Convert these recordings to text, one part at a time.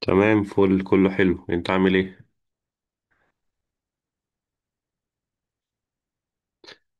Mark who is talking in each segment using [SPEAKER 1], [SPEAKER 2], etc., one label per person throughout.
[SPEAKER 1] تمام، فل، كله حلو. انت عامل ايه؟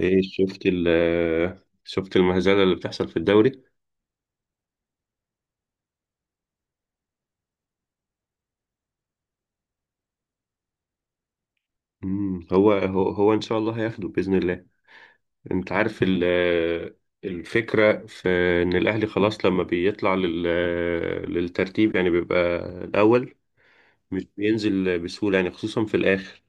[SPEAKER 1] ايه شفت ال شفت المهزله اللي بتحصل في الدوري. هو ان شاء الله هياخده باذن الله. انت عارف ال الفكره في ان الاهلي خلاص لما بيطلع للترتيب يعني، بيبقى الاول، مش بينزل بسهوله يعني خصوصا في الاخر.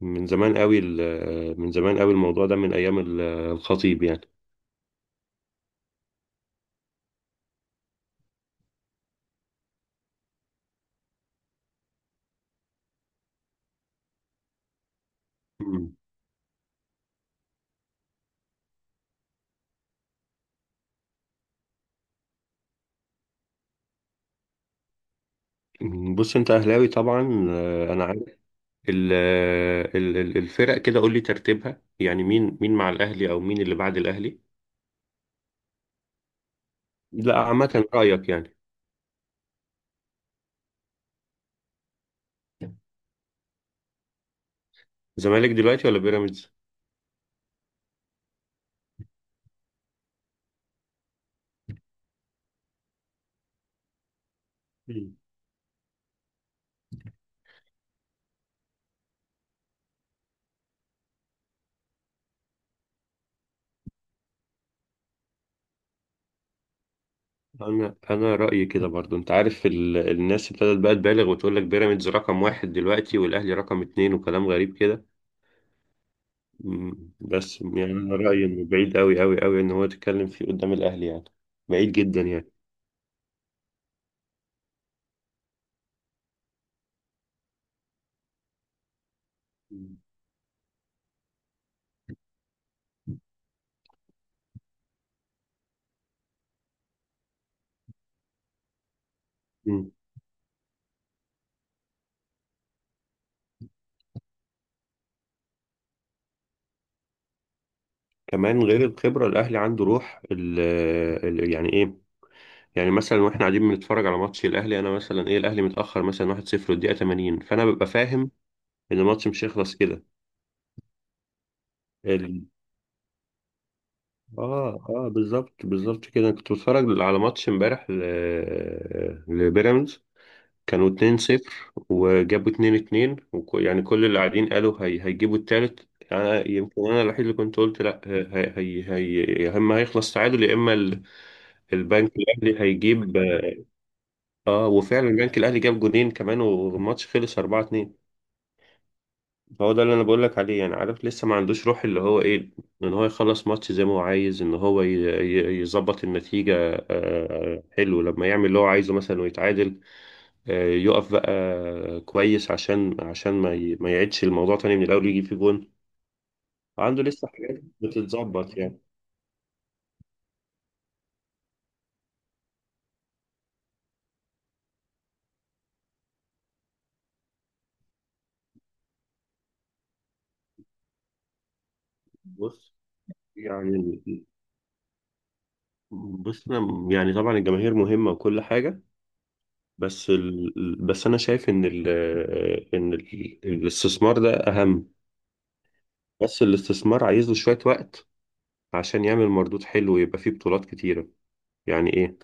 [SPEAKER 1] من زمان قوي الموضوع ده من ايام الخطيب يعني. بص، انت اهلاوي طبعا. انا، ال- الفرق كده قول لي ترتيبها يعني، مين مين مع الاهلي او مين اللي بعد الاهلي؟ لا، عامه رايك يعني. زمالك دلوقتي ولا بيراميدز؟ مم. انا رايي كده. برضو انت عارف الناس ابتدت بقى تبالغ وتقول لك بيراميدز رقم واحد دلوقتي والاهلي رقم اتنين وكلام غريب كده. بس يعني انا رايي انه بعيد قوي قوي قوي ان هو يتكلم فيه قدام الاهلي يعني، بعيد جدا يعني. مم. أمم. كمان غير الخبره الاهلي عنده روح يعني ايه، يعني مثلا واحنا قاعدين بنتفرج على ماتش الاهلي، انا مثلا، ايه، الاهلي متاخر مثلا 1-0 والدقيقه 80، فانا ببقى فاهم ان الماتش مش هيخلص كده. ال... اه اه بالظبط، بالظبط كده. أنا كنت بتفرج على ماتش امبارح لبيراميدز، كانوا 2-0 وجابوا 2-2. يعني كل اللي قاعدين قالوا هيجيبوا التالت. انا يمكن انا الوحيد اللي كنت قلت لا، يا اما هيخلص تعادل يا اما البنك الاهلي هيجيب. اه، وفعلا البنك الاهلي جاب جونين كمان والماتش خلص 4-2. فهو ده اللي انا بقول لك عليه يعني. عارف؟ لسه ما عندوش روح اللي هو ايه، ان هو يخلص ماتش زي ما هو عايز، ان هو يظبط النتيجه. حلو، لما يعمل اللي هو عايزه مثلا ويتعادل، يقف بقى، كويس، عشان عشان ما يعيدش الموضوع تاني من الاول يجيب فيه جون. عنده لسه حاجات بتتظبط يعني. بص، يعني، يعني طبعا الجماهير مهمه وكل حاجه، بس انا شايف ان الاستثمار ده اهم، بس الاستثمار عايز له شوية وقت عشان يعمل مردود حلو ويبقى فيه بطولات كتيرة. يعني ايه؟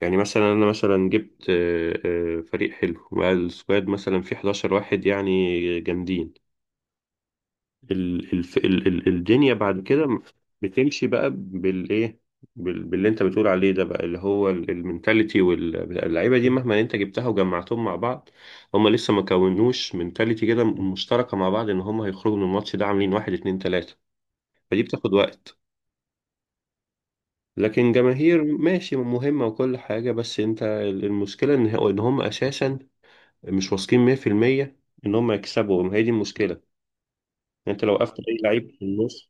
[SPEAKER 1] يعني مثلا انا مثلا جبت، فريق حلو والسكواد مثلا فيه 11 واحد يعني جامدين. الدنيا بعد كده بتمشي بقى بالايه؟ باللي انت بتقول عليه ده بقى، اللي هو المنتاليتي. واللعيبه دي مهما انت جبتها وجمعتهم مع بعض، هم لسه ما كونوش منتاليتي كده مشتركه مع بعض، ان هم هيخرجوا من الماتش ده عاملين واحد اتنين تلاته. فدي بتاخد وقت. لكن جماهير، ماشي، مهمه وكل حاجه، بس انت المشكله ان هم اساسا مش واثقين 100% ان هم يكسبوا. ما هي دي المشكله. يعني انت لو وقفت اي لعيب في النص،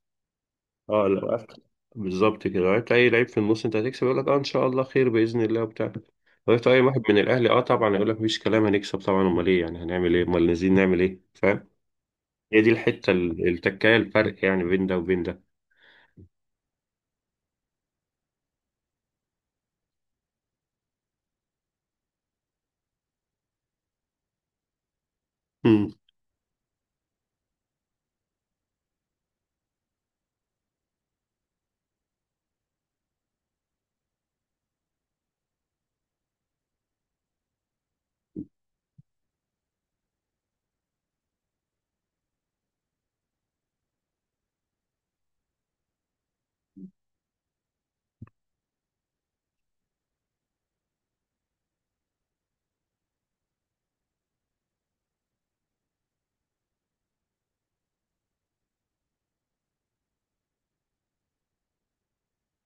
[SPEAKER 1] اه لو عرفت، بالظبط كده، لو عرفت اي لعيب في النص انت هتكسب، يقول لك اه ان شاء الله خير باذن الله وبتاع. لو عرفت اي واحد من الاهلي، اه طبعا، يقول لك مفيش كلام هنكسب طبعا، امال ايه يعني، هنعمل ايه، امال نازلين نعمل ايه؟ فاهم؟ هي دي الحته، التكايه، الفرق يعني بين ده وبين ده.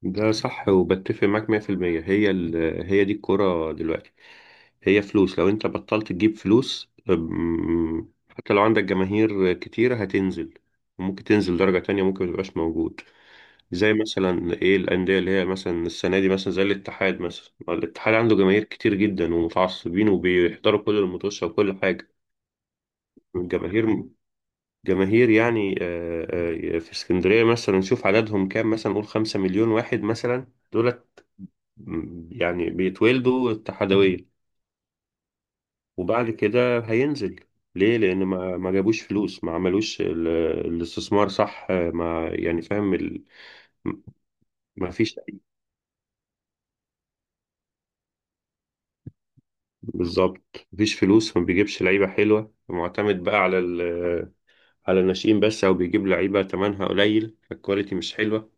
[SPEAKER 1] ده صح، وبتفق معاك 100%. هي ال... هي دي الكرة دلوقتي، هي فلوس. لو انت بطلت تجيب فلوس، حتى لو عندك جماهير كتيرة هتنزل، وممكن تنزل درجة تانية، ممكن متبقاش موجود. زي مثلا، ايه، الأندية اللي هي مثلا السنة دي، مثلا زي الاتحاد، مثلا الاتحاد عنده جماهير كتير جدا ومتعصبين وبيحضروا كل الماتشات وكل حاجة. الجماهير، جماهير يعني، في اسكندرية مثلا نشوف عددهم كام، مثلا نقول خمسة مليون واحد مثلا. دول يعني بيتولدوا اتحادوية. وبعد كده هينزل. ليه؟ لأن ما جابوش فلوس، ما عملوش الاستثمار صح. ما يعني، فاهم ما فيش. بالظبط، ما فيش فلوس، ما بيجيبش لعيبة حلوة، معتمد بقى على على الناشئين بس، أو بيجيب لعيبة تمنها قليل فالكواليتي مش حلوة.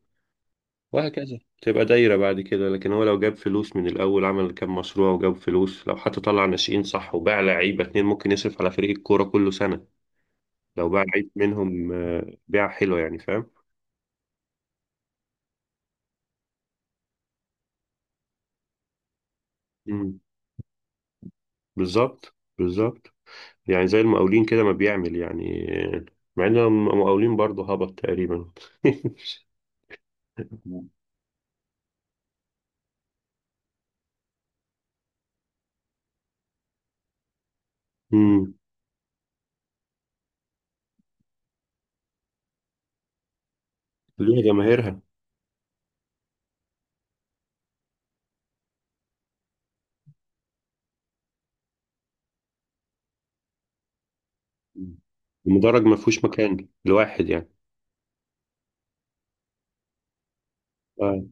[SPEAKER 1] وهكذا تبقى دايرة. بعد كده لكن هو لو جاب فلوس من الأول، عمل كام مشروع وجاب فلوس، لو حتى طلع ناشئين صح وباع لعيبة اتنين، ممكن يصرف على فريق الكورة كله سنة. لو باع العيب منهم، بيعة حلوة يعني. فاهم. مم. بالظبط بالظبط. يعني زي المقاولين كده ما بيعمل يعني، مع ان المقاولين برضه هبط تقريبا. مم. ليها جماهيرها. مم. المدرج ما فيهوش مكان لواحد يعني. آه.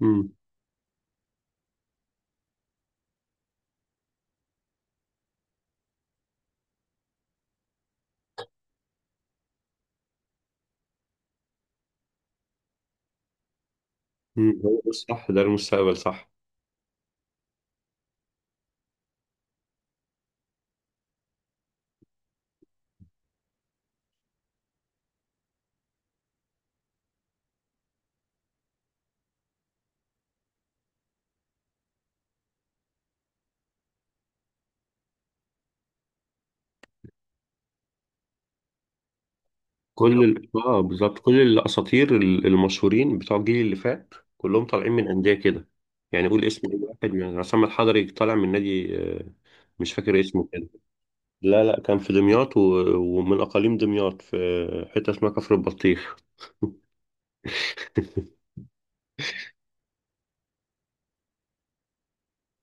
[SPEAKER 1] مم. مم. هو ده الصح، ده المستقبل، صح. اه بالظبط، كل الاساطير المشهورين بتوع الجيل اللي فات كلهم طالعين من انديه كده. يعني قول اسم اي واحد، من عصام الحضري، طالع من نادي، مش فاكر اسمه كده. لا لا، كان في دمياط، ومن أقاليم دمياط، في حتة اسمها كفر البطيخ.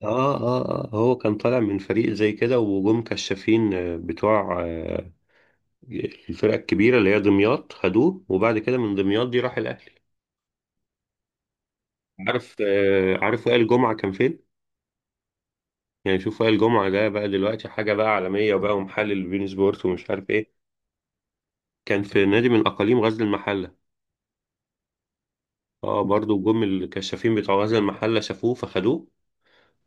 [SPEAKER 1] آه آه آه، هو كان طالع من فريق زي كده، وجم كشافين، بتوع الفرقة الكبيرة اللي هي دمياط، خدوه. وبعد كده من دمياط دي راح الأهلي. عارف عارف وائل جمعة كان فين؟ يعني شوف، وائل جمعة ده بقى دلوقتي حاجة بقى عالمية، وبقى ومحلل بين سبورت ومش عارف إيه. كان في نادي من أقاليم غزل المحلة. اه برضو جم الكشافين بتوع غزل المحلة شافوه فخدوه.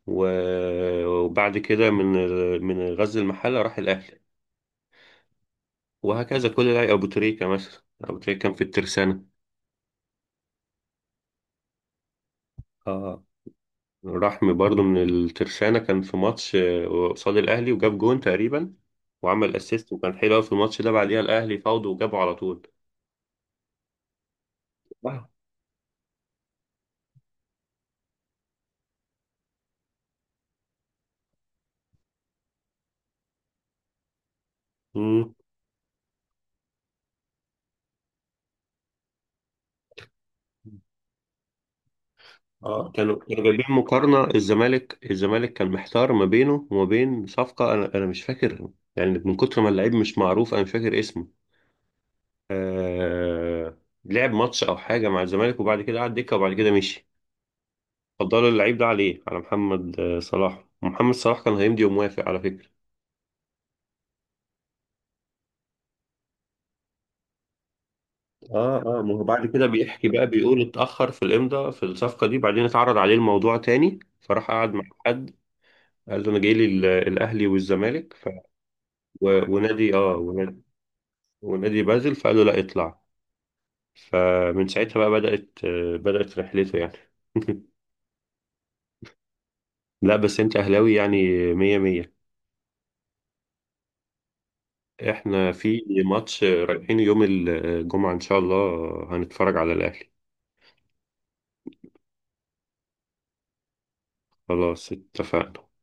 [SPEAKER 1] وبعد كده من غزل المحلة راح الأهلي. وهكذا كل لاعب. أبو تريكة مثلا، أبو تريكة كان في الترسانة. اه، راح، برضه من الترسانة، كان في ماتش، قصاد الأهلي، وجاب جون تقريبا، وعمل أسيست، وكان حلو أوي في الماتش ده. بعديها الأهلي فاوضوا وجابوا على طول. اه. مم. اه، كانوا جايبين مقارنة. الزمالك، الزمالك كان محتار ما بينه وما بين صفقة، أنا مش فاكر، يعني من كتر ما اللعيب مش معروف أنا مش فاكر اسمه. آه، لعب ماتش او حاجه مع الزمالك، وبعد كده قعد دكه، وبعد كده مشي. فضلوا اللعيب ده عليه، على محمد صلاح. محمد صلاح كان هيمضي وموافق على فكره. اه اه، ما هو بعد كده بيحكي بقى، بيقول اتاخر في الامضاء في الصفقه دي، بعدين اتعرض عليه الموضوع تاني، فراح قعد مع حد، قال له انا جاي لي الاهلي والزمالك و... ونادي اه ونادي, ونادي بازل. فقال له لا اطلع. فمن ساعتها بقى بدات رحلته يعني. لا بس انت اهلاوي يعني. مية مية. احنا في ماتش رايحين يوم الجمعة ان شاء الله، هنتفرج على الاهلي. خلاص اتفقنا.